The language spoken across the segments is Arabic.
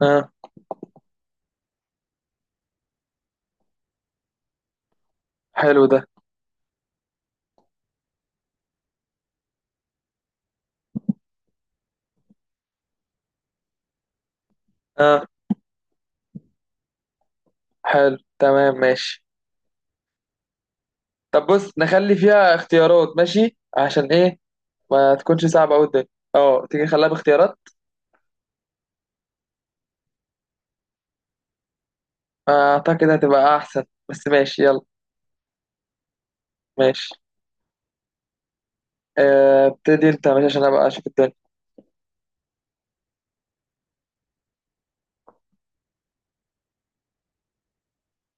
اه. حلو ده. اه حلو تمام، ماشي. طب بص نخلي فيها اختيارات، ماشي. عشان ايه ما تكونش صعبة أوي الدنيا. اه تيجي نخليها باختيارات. آه، اعتقد هتبقى احسن. بس ماشي يلا. ماشي. آه، ابتدي انت ماشي عشان ابقى اشوف الدنيا.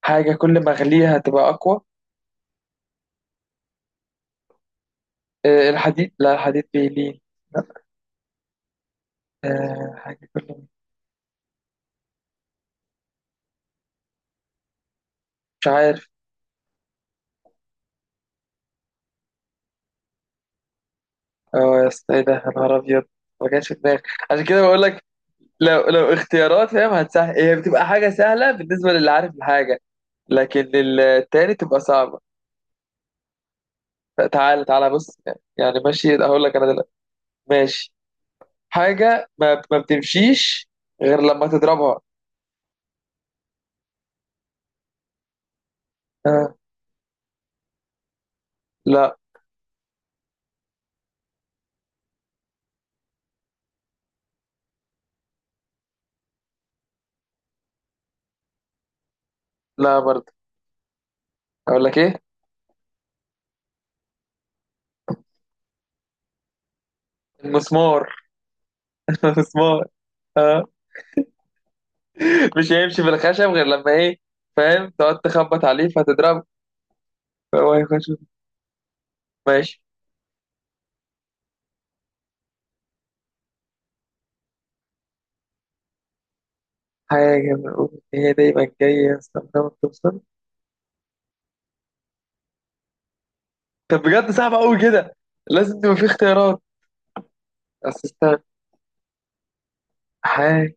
حاجة كل ما اغليها هتبقى اقوى. الحديد. لا الحديد بيلين. لا. حاجة كل ما... مش عارف. اه يا اسطى، ايه ده يا نهار ابيض. ما كانش في دماغي. عشان كده بقول لك، لو اختيارات فاهم هتسهل. هي بتبقى حاجة سهلة بالنسبة للي عارف الحاجة، لكن التاني تبقى صعبة. تعالى تعالى بص. يعني ماشي هقول لك انا دلوقتي. ماشي. حاجة ما بتمشيش غير لما تضربها. آه. لا. لا برضه. اقول لك ايه. المسمار. المسمار. آه. مش هيمشي في الخشب غير لما ايه؟ فاهم، تقعد تخبط عليه فتضربه، فهو هيخش. ماشي. حاجة بنقول إن هي دايما جاية، استنى، ما بتوصل. طب بجد صعبة أوي كده، لازم تبقى في اختيارات. بس استنى. حاجة.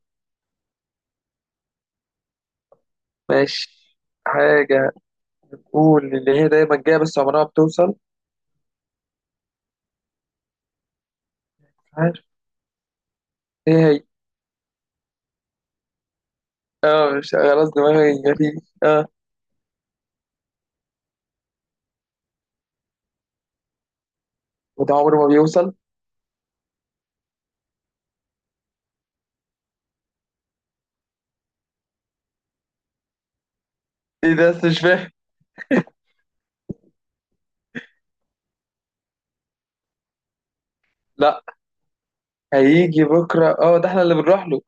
ماشي. حاجة. قول اللي هي دايما جايه بس عمرها ما بتوصل. عارف. ايه هي؟ اه مش خلاص، دماغي مفيش. اه وده عمره ما بيوصل. ايه ده بس مش فاهم. لا هيجي بكره، اه ده احنا اللي بنروح له.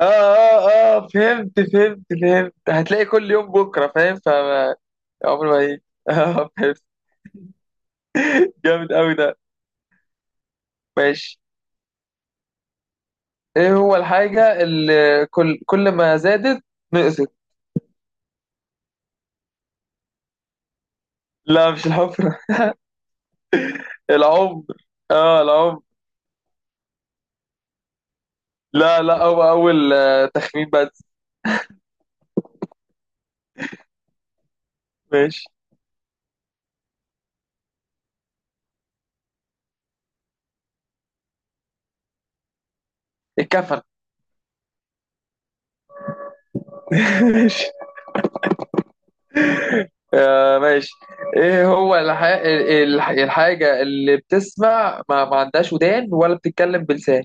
اه اه اه، فهمت فهمت فهمت، هتلاقي كل يوم بكره، فاهم، ف عمره ما هيجي. اه فهمت. جامد قوي ده. ماشي. ايه هو الحاجه اللي كل ما زادت نقصت؟ لا مش الحفره. العمر. اه العمر. لا لا هو اول تخمين بس. ماشي. اتكفل. ماشي. آه، ماشي. ايه هو الحاجة اللي بتسمع ما عندهاش ودان ولا بتتكلم بلسان؟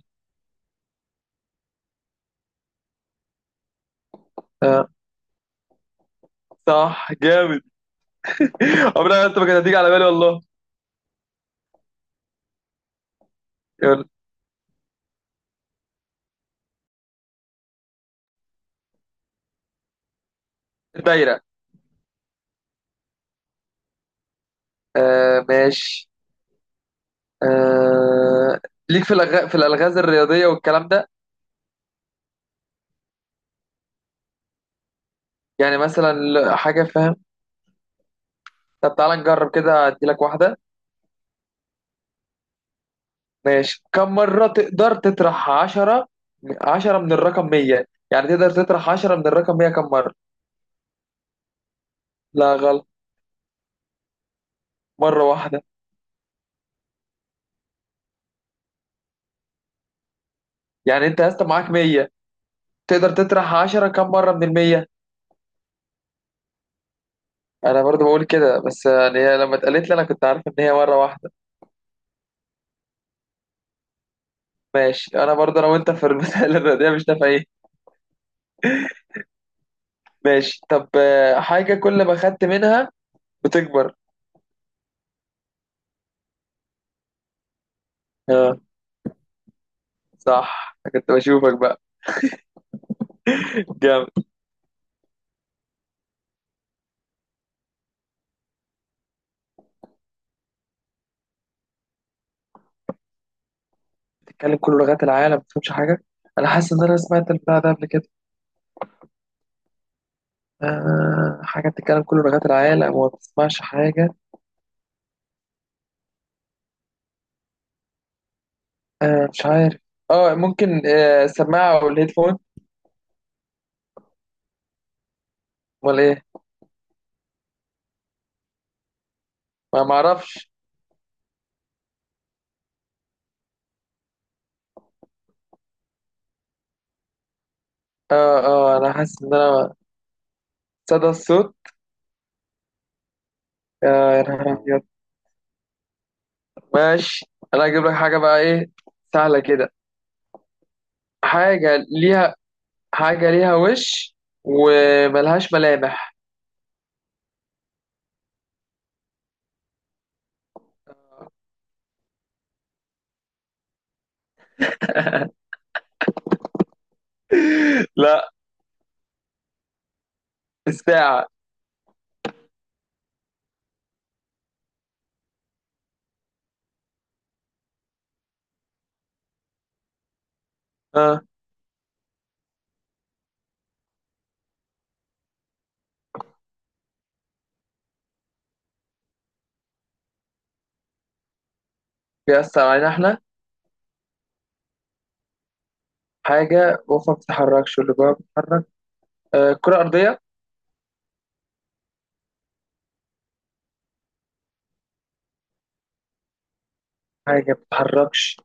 آه. صح جامد. عمرها انت ما كانت هتيجي على بالي والله. يلا. الدايرة. آه ماشي. آه. ليك في في الألغاز الرياضية والكلام ده. يعني مثلا حاجة، فاهم. طب تعالى نجرب كده، اديلك واحدة. ماشي. كم مرة تقدر تطرح 10؟ عشرة من الرقم 100. يعني تقدر تطرح 10 من الرقم 100 كم مرة؟ لا غلط. مرة واحدة. يعني انت يا اسطى معاك 100، تقدر تطرح 10 كم مرة من المية؟ انا برضو بقول كده، بس يعني هي لما اتقالت لي انا كنت عارف ان هي مرة واحدة. ماشي، انا برضو انا وانت في المسائل الرياضية مش نافعين. ماشي طب حاجة كل ما خدت منها بتكبر. اه صح، أنا كنت بشوفك بقى. جامد. بتتكلم كل لغات العالم ما بتفهمش حاجة. انا حاسس ان انا سمعت البتاع ده قبل كده. آه حاجة بتتكلم كل لغات العالم وما بتسمعش حاجة. آه مش عارف. اه ممكن، آه السماعة او الهيدفون. امال ايه؟ ما معرفش. اه اه انا حاسس ان انا... صدى الصوت. آه يا نهار ابيض. ماشي. انا هجيب لك حاجه بقى، ايه سهله كده. حاجه ليها... حاجه ليها وش وملهاش ملامح. لا. الساعه. اه بيأثر علينا احنا. حاجه جوه ما بتتحركش واللي جواها بتتحرك. آه كره ارضيه. حاجه ما بتتحركش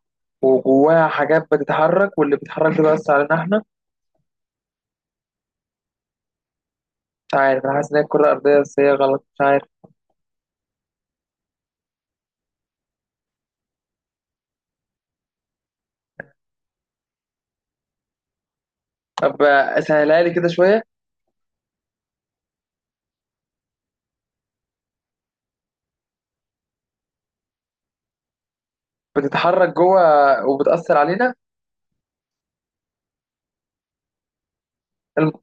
وجواها حاجات بتتحرك واللي بيتحرك ده بيأثر علينا احنا. مش عارف، انا حاسس ان هي الكره الارضيه بس هي غلط، مش عارف. طب سهلها لي كده شويه. بتتحرك جوه وبتأثر علينا. الم-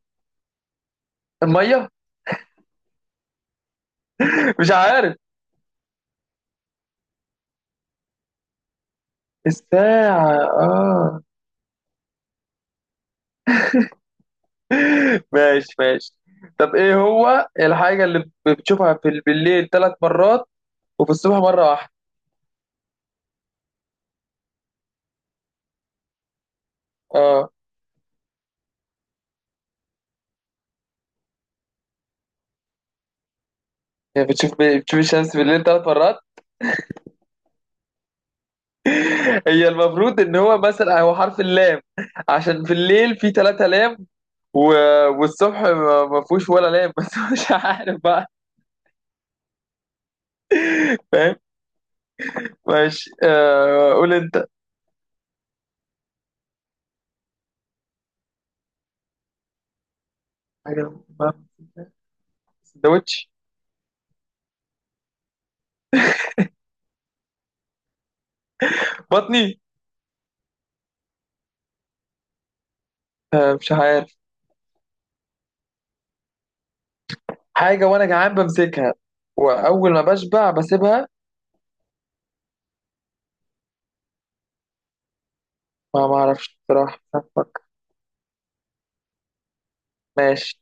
المية. مش عارف. الساعة اه. ماشي ماشي. طب ايه هو الحاجة اللي بتشوفها في بالليل ثلاث مرات وفي الصبح مرة واحدة؟ اه. يعني بتشوف الشمس بالليل ثلاث مرات. هي المفروض ان هو مثلا هو حرف اللام، عشان في الليل في ثلاثة لام و... والصبح ما فيهوش ولا لام. بس مش عارف بقى. فاهم. ماشي، آه قول انت. حاجة ما- سندوتش. بطني. آه، مش عارف. حاجة وأنا جعان بمسكها وأول ما بشبع بسيبها. ما معرفش بصراحة، مش عارف أفكر. ماشي.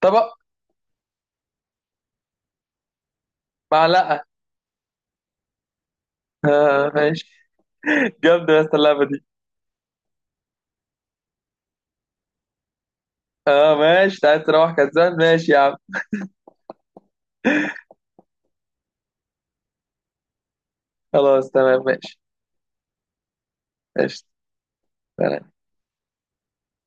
طبق. معلقة. آه ماشي. جامدة يا أسطى اللعبة دي. اه ماشي، أنت عايز تروح كسبان، ماشي يا عم. خلاص تمام، ماشي. ماشي.